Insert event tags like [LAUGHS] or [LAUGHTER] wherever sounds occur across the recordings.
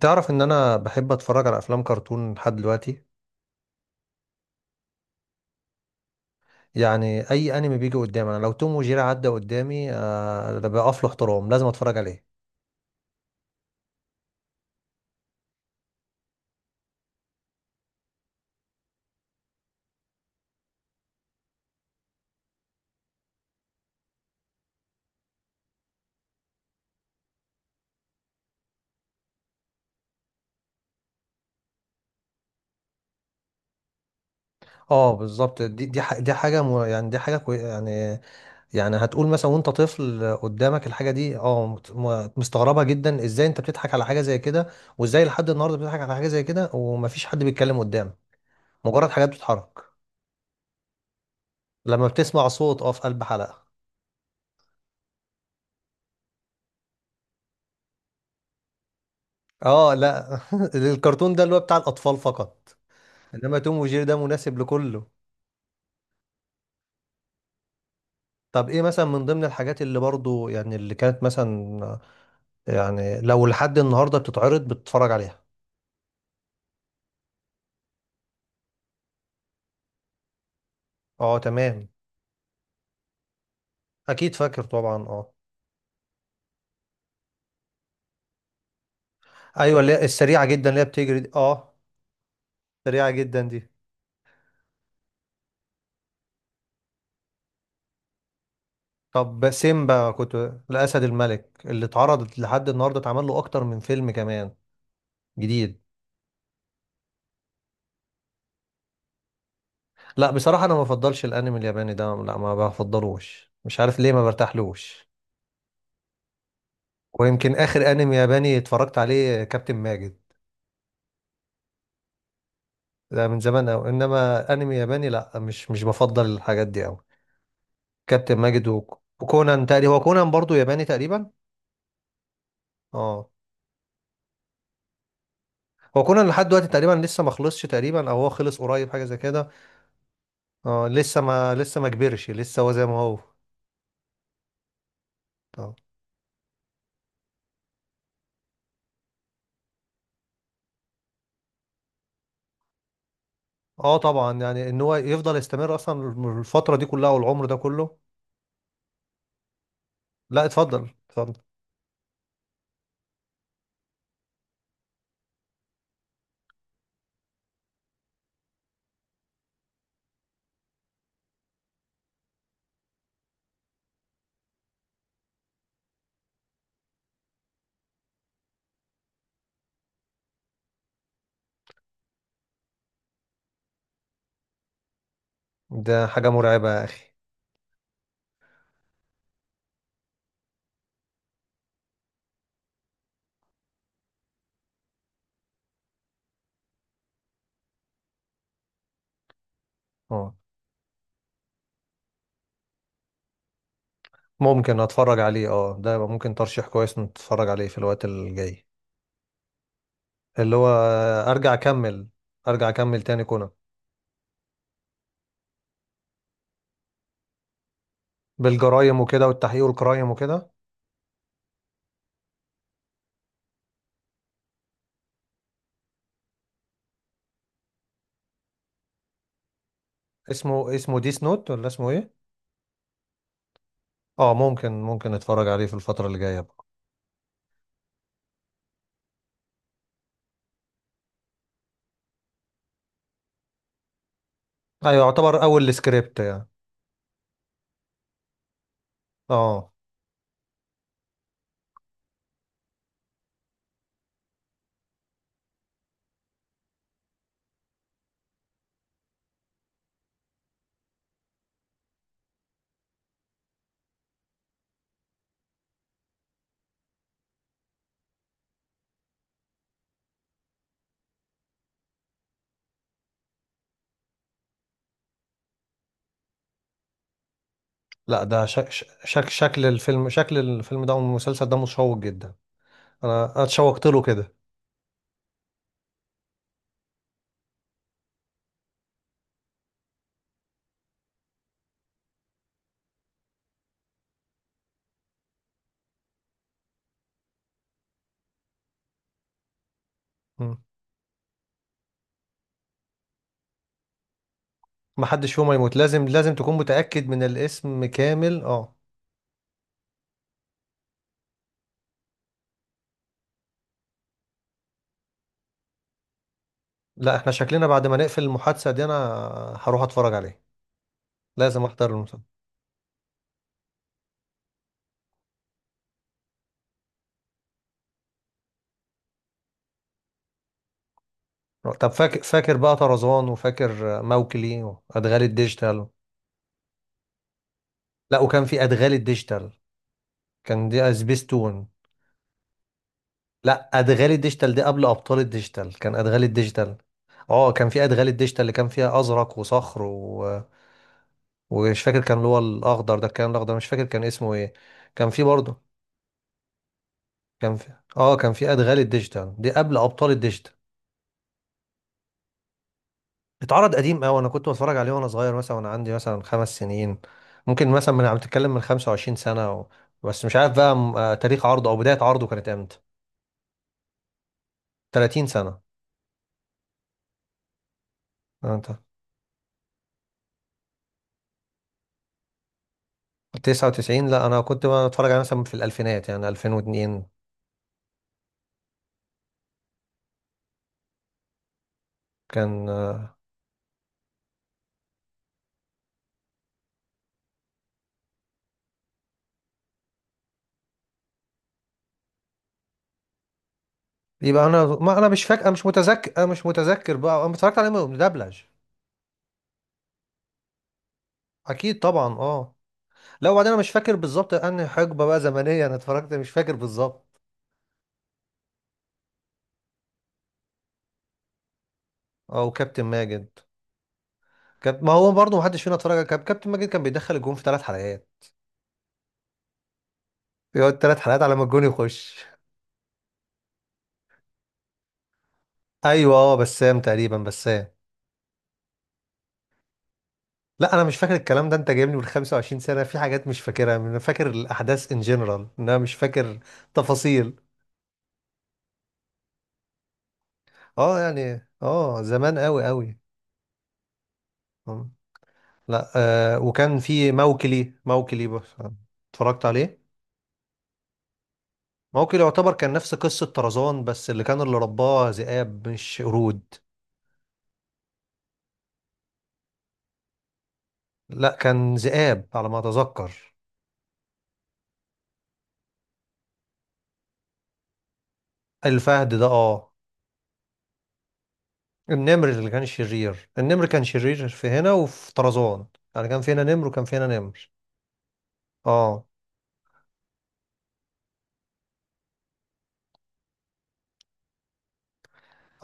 تعرف ان انا بحب اتفرج على افلام كرتون لحد دلوقتي. يعني اي انمي بيجي قدامي، انا لو توم وجيري عدى قدامي آه ده بقف له احترام، لازم اتفرج عليه. اه بالظبط، دي دي حاجه يعني دي حاجه كوي يعني. يعني هتقول مثلا وانت طفل قدامك الحاجه دي مستغربها جدا، ازاي انت بتضحك على حاجه زي كده، وازاي لحد النهارده بتضحك على حاجه زي كده ومفيش حد بيتكلم قدام. مجرد حاجات بتتحرك. لما بتسمع صوت في قلب حلقه. اه لا [LAUGHS] الكرتون ده اللي هو بتاع الاطفال فقط. انما توم وجيري ده مناسب لكله. طب ايه مثلا من ضمن الحاجات اللي برضو يعني اللي كانت مثلا، يعني لو لحد النهارده بتتعرض بتتفرج عليها؟ اه، تمام. اكيد فاكر طبعا، اه. ايوه اللي هي السريعه جدا اللي هي بتجري دي، اه. سريعه جدا دي. طب سيمبا كنت، الاسد الملك اللي اتعرضت لحد النهارده، اتعمل له اكتر من فيلم كمان جديد. لا، بصراحه انا ما بفضلش الانمي الياباني ده، لا ما بفضلوش، مش عارف ليه، ما برتاحلوش. ويمكن اخر انمي ياباني اتفرجت عليه كابتن ماجد. ده من زمان أوي، إنما أنمي ياباني لأ، مش بفضل الحاجات دي أوي. كابتن ماجد وكونان تقريبا، هو كونان برضو ياباني تقريبا. اه. هو كونان لحد دلوقتي تقريبا لسه ما خلصش تقريبا، أو هو خلص قريب حاجة زي كده. اه لسه ما كبرش لسه هو زي ما هو. اه. آه طبعا، يعني إن هو يفضل يستمر أصلا الفترة دي كلها والعمر ده كله. لأ اتفضل اتفضل. ده حاجة مرعبة يا أخي. اه ممكن أتفرج عليه، اه، ده يبقى ممكن ترشيح كويس نتفرج عليه في الوقت الجاي. اللي هو، ارجع اكمل، ارجع اكمل تاني كونان. بالجرايم وكده والتحقيق والجرايم وكده. اسمه ديس نوت ولا اسمه ايه؟ اه، ممكن نتفرج عليه في الفترة اللي جاية بقى. ايوه يعتبر اول سكريبت يعني. اه لا ده شك شك شكل الفيلم ده والمسلسل ده مشوق جدا. انا اتشوقت له كده. مم. محدش فيهم هيموت، لازم تكون متأكد من الاسم كامل، اه. لا احنا شكلنا بعد ما نقفل المحادثة دي، انا هروح اتفرج عليه. لازم احضر. طب فاكر فاكر بقى طرزان وفاكر موكلي وادغال الديجيتال. لا وكان في ادغال الديجيتال. كان دي سبيستون. لا ادغال الديجيتال دي قبل ابطال الديجيتال، كان ادغال الديجيتال. اه كان في ادغال الديجيتال اللي كان فيها ازرق وصخر و... ومش فاكر كان اللي هو الاخضر ده، كان الاخضر مش فاكر كان اسمه ايه. كان في برضه. كان في اه كان في ادغال الديجيتال دي قبل ابطال الديجيتال. اتعرض قديم قوي، انا كنت بتفرج عليه وانا صغير مثلا، وانا عندي مثلا خمس سنين. ممكن مثلا من، عم تتكلم من 25 سنة و... بس مش عارف بقى تاريخ عرضه او بداية عرضه كانت امتى. 30 سنة. آه، انت. 99؟ لا انا كنت بقى بتفرج عليه مثلا في الالفينات يعني 2002. كان آه، يبقى انا ما انا مش فاكر، مش متذكر بقى انا اتفرجت عليه مدبلج. اكيد طبعا اه. لا وبعدين انا مش فاكر بالظبط انهي حقبة بقى زمنية انا اتفرجت، مش فاكر بالظبط. او كابتن ماجد. كانت ما هو برضه محدش فينا اتفرج على كابتن ماجد، كان بيدخل الجون في ثلاث حلقات، يقعد ثلاث حلقات على ما الجون يخش. ايوه اه، بسام تقريبا، بسام. لا انا مش فاكر الكلام ده، انت جايبني من 25 سنه، في حاجات مش فاكرها، انا فاكر الاحداث ان جنرال، انا مش فاكر تفاصيل. اه يعني زمان قوي قوي. آه. لا. آه وكان في موكلي، موكلي بس اتفرجت عليه. موكلي يعتبر كان نفس قصه طرزان، بس اللي رباه ذئاب مش قرود. لا كان ذئاب على ما اتذكر. الفهد ده اه. النمر اللي كان شرير، النمر كان شرير في هنا وفي طرزان، يعني كان في هنا نمر وكان في هنا نمر. اه.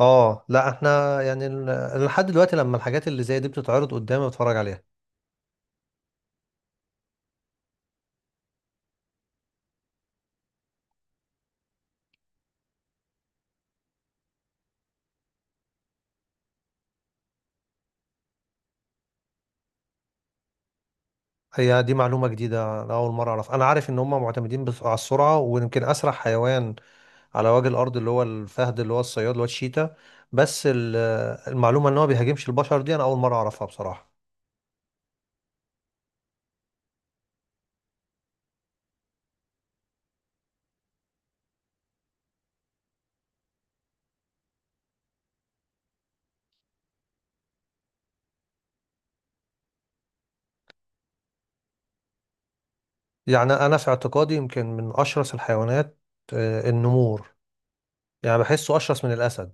اه لا احنا يعني لحد دلوقتي لما الحاجات اللي زي دي بتتعرض قدامي بتفرج عليها. هي دي معلومة جديدة، أنا أول مرة أعرف. أنا عارف إن هم معتمدين بس على السرعة، ويمكن أسرع حيوان على وجه الأرض اللي هو الفهد، اللي هو الصياد، اللي هو الشيتا. بس المعلومة إن هو بيهاجمش البشر دي أنا أول مرة أعرفها بصراحة. يعني أنا في اعتقادي يمكن من أشرس الحيوانات آه، النمور. يعني بحسه أشرس من الأسد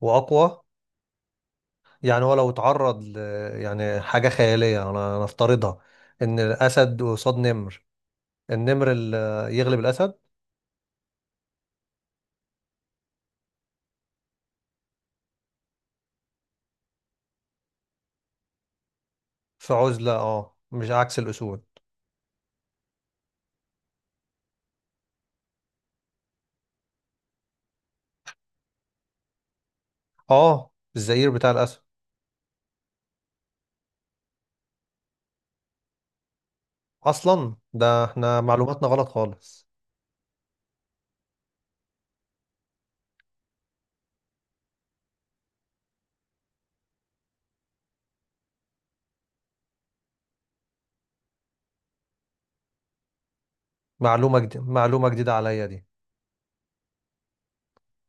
وأقوى. يعني هو لو اتعرض ل... يعني حاجة خيالية أنا نفترضها، إن الأسد قصاد نمر، النمر يغلب الأسد. في عزلة أه مش عكس الأسود. أه الزئير بتاع الأسد. أصلا ده إحنا معلوماتنا غلط خالص. معلومة جديدة، معلومة جديدة عليا دي.